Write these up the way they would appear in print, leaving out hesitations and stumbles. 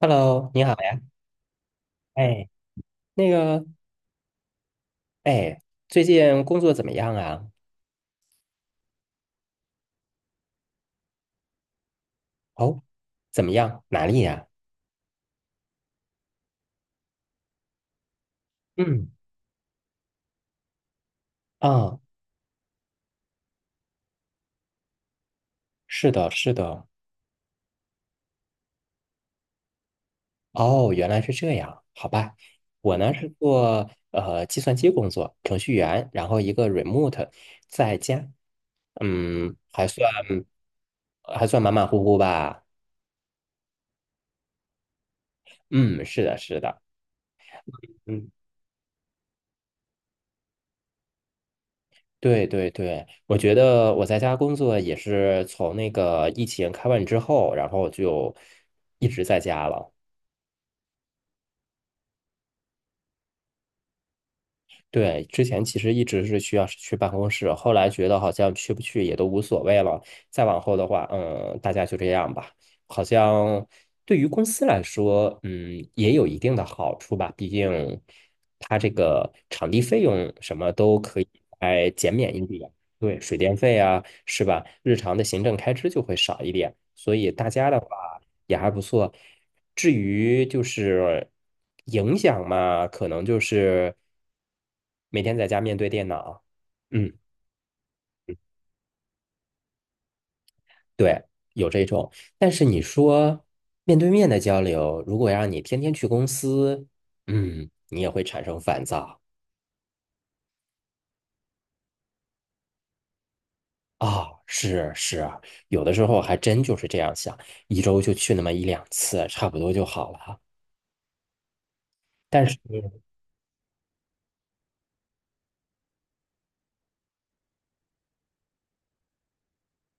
Hello，你好呀。哎，那个，哎，最近工作怎么样啊？哦，怎么样？哪里呀？嗯，啊，是的，是的。哦，原来是这样，好吧。我呢是做计算机工作，程序员，然后一个 remote 在家，嗯，还算马马虎虎吧。嗯，是的，是的。嗯。对对对，我觉得我在家工作也是从那个疫情开完之后，然后就一直在家了。对，之前其实一直是需要是去办公室，后来觉得好像去不去也都无所谓了。再往后的话，大家就这样吧。好像对于公司来说，也有一定的好处吧。毕竟它这个场地费用什么都可以来减免一点，对，水电费啊，是吧？日常的行政开支就会少一点。所以大家的话。也还不错。至于就是影响嘛，可能就是每天在家面对电脑，嗯，对，有这种。但是你说面对面的交流，如果让你天天去公司，你也会产生烦躁。啊、是是啊，有的时候还真就是这样想，一周就去那么一两次，差不多就好了。但是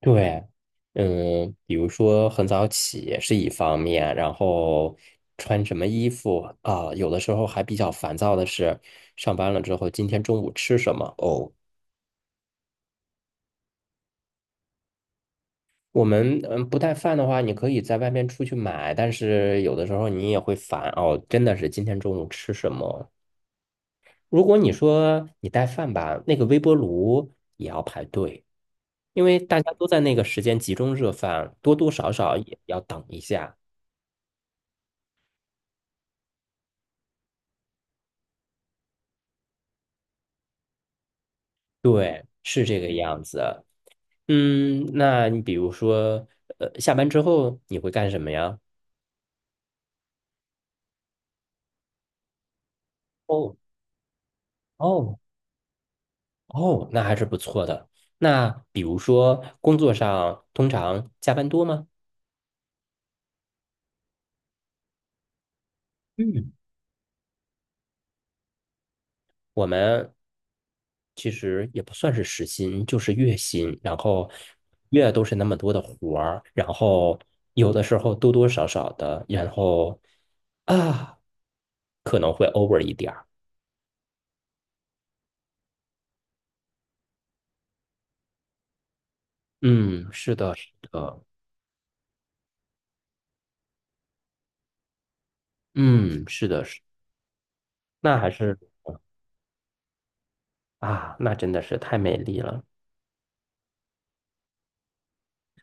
对，比如说很早起是一方面，然后穿什么衣服啊，有的时候还比较烦躁的是，上班了之后今天中午吃什么？哦，我们不带饭的话，你可以在外面出去买，但是有的时候你也会烦哦，真的是今天中午吃什么？如果你说你带饭吧，那个微波炉也要排队，因为大家都在那个时间集中热饭，多多少少也要等一下。对，是这个样子。嗯，那你比如说，下班之后你会干什么呀？哦哦哦，那还是不错的。那比如说，工作上通常加班多吗？嗯，我们其实也不算是时薪，就是月薪，然后月都是那么多的活儿，然后有的时候多多少少的，然后啊，可能会 over 一点儿。嗯，是的，是的。嗯，是的，是，那还是那真的是太美丽了，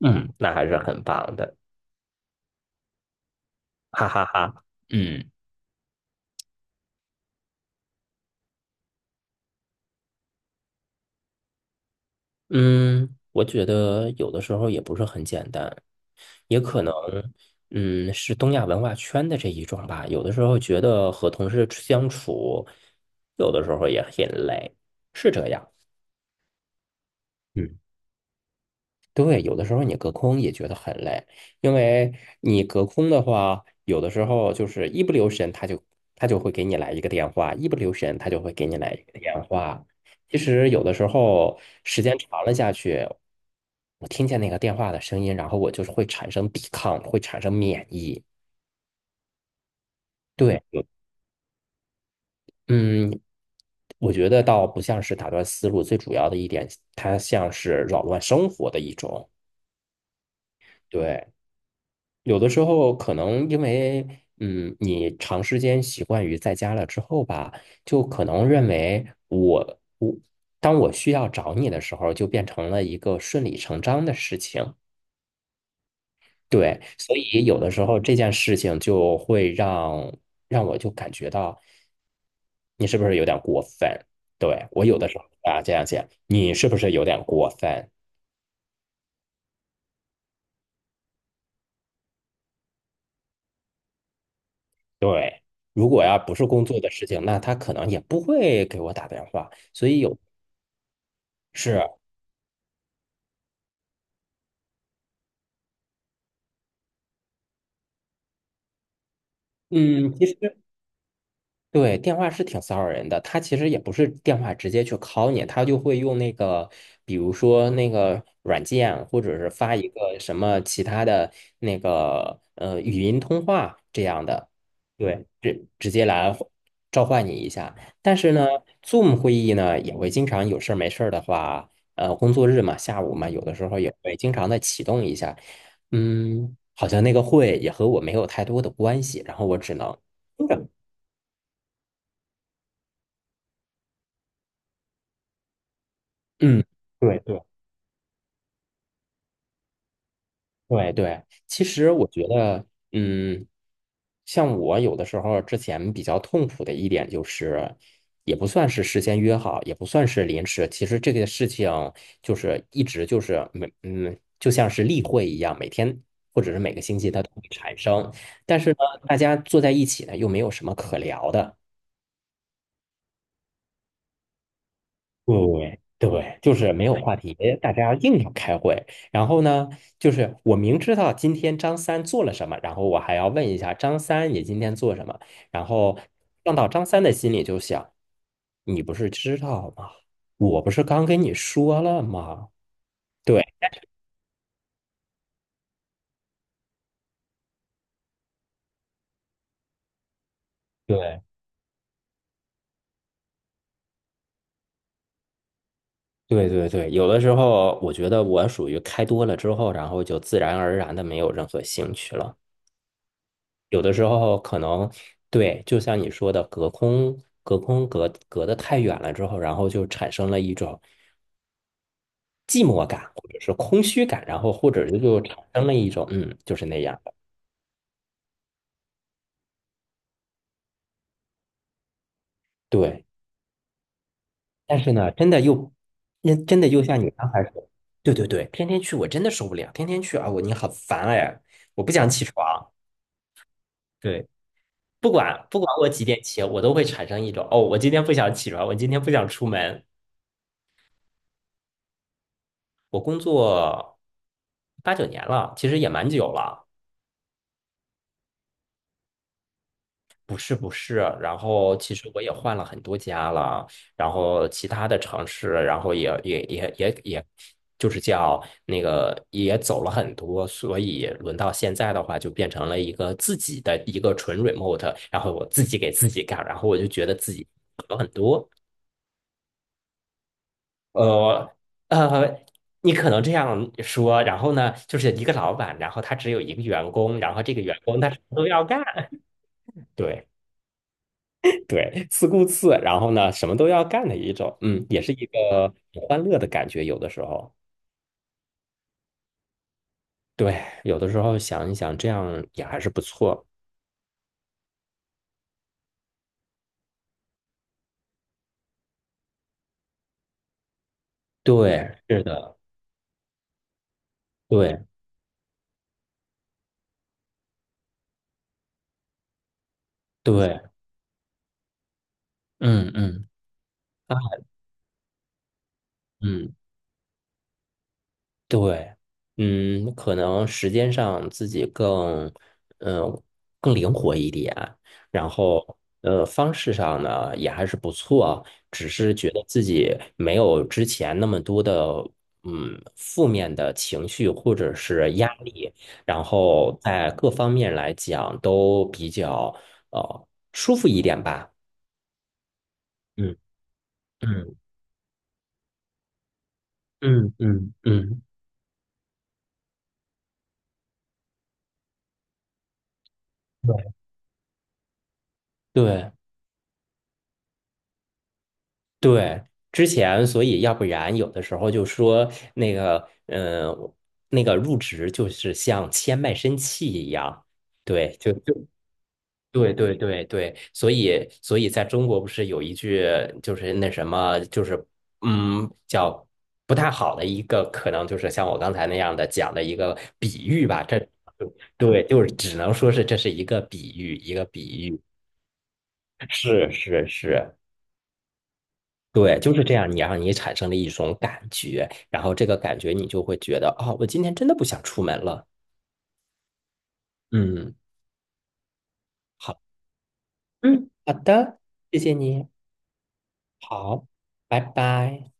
嗯，那还是很棒的，哈哈哈，嗯嗯，我觉得有的时候也不是很简单，也可能，是东亚文化圈的这一种吧，有的时候觉得和同事相处，有的时候也很累，是这样，嗯。对，有的时候你隔空也觉得很累，因为你隔空的话，有的时候就是一不留神，他就会给你来一个电话，一不留神他就会给你来一个电话。其实有的时候时间长了下去，我听见那个电话的声音，然后我就是会产生抵抗，会产生免疫。对，有嗯，我觉得倒不像是打断思路，最主要的一点，它像是扰乱生活的一种。对。有的时候可能因为，嗯，你长时间习惯于在家了之后吧，就可能认为我当我需要找你的时候，就变成了一个顺理成章的事情。对，所以有的时候这件事情就会让我就感觉到你是不是有点过分？对，我有的时候啊这样想，你是不是有点过分？对，如果要不是工作的事情，那他可能也不会给我打电话。所以有。是，嗯，其实对，电话是挺骚扰人的。他其实也不是电话直接去 call 你，他就会用那个，比如说那个软件，或者是发一个什么其他的那个语音通话这样的，对，直接来召唤你一下。但是呢，Zoom 会议呢也会经常有事儿没事儿的话，工作日嘛，下午嘛，有的时候也会经常的启动一下。嗯，好像那个会也和我没有太多的关系，然后我只能。嗯，对对对对，其实我觉得，嗯，像我有的时候之前比较痛苦的一点就是，也不算是事先约好，也不算是临时，其实这个事情就是一直就是就像是例会一样，每天或者是每个星期它都会产生，但是呢，大家坐在一起呢又没有什么可聊的。对对，就是没有话题，大家硬要开会。然后呢，就是我明知道今天张三做了什么，然后我还要问一下张三你今天做什么。然后放到张三的心里就想，你不是知道吗？我不是刚跟你说了吗？对对对对对，有的时候我觉得我属于开多了之后，然后就自然而然的没有任何兴趣了。有的时候可能对，就像你说的，隔空、隔空隔、隔得太远了之后，然后就产生了一种寂寞感，或者是空虚感，然后或者是就产生了一种就是那样的。对，但是呢，真的又，那真的又像你刚才说的，对对对，天天去我真的受不了，天天去啊，我你好烦哎，我不想起床。对，不管我几点起，我都会产生一种哦，我今天不想起床，我今天不想出门。我工作8、9年了，其实也蛮久了。不是不是，然后其实我也换了很多家了，然后其他的城市，然后也，就是叫那个也走了很多，所以轮到现在的话，就变成了一个自己的一个纯 remote，然后我自己给自己干，然后我就觉得自己好很多。呃呃，你可能这样说，然后呢，就是一个老板，然后他只有一个员工，然后这个员工他什么都要干，对对，自顾自，然后呢，什么都要干的一种，也是一个很欢乐的感觉，有的时候，对，有的时候想一想，这样也还是不错，对，是的，对对，嗯嗯啊嗯。对，可能时间上自己更，嗯、更灵活一点，然后，方式上呢也还是不错，只是觉得自己没有之前那么多的，负面的情绪或者是压力，然后在各方面来讲都比较，舒服一点吧。嗯嗯嗯嗯嗯，对。对，之前所以要不然有的时候就说那个，那个入职就是像签卖身契一样，对，对对对对，所以在中国不是有一句就是那什么就是叫不太好的一个可能就是像我刚才那样的讲的一个比喻吧，这对，就是只能说是这是一个比喻，一个比喻，是是是，对，就是这样，你让你产生了一种感觉，然后这个感觉你就会觉得，哦，我今天真的不想出门了。嗯，好，嗯，好的，谢谢你，好，拜拜。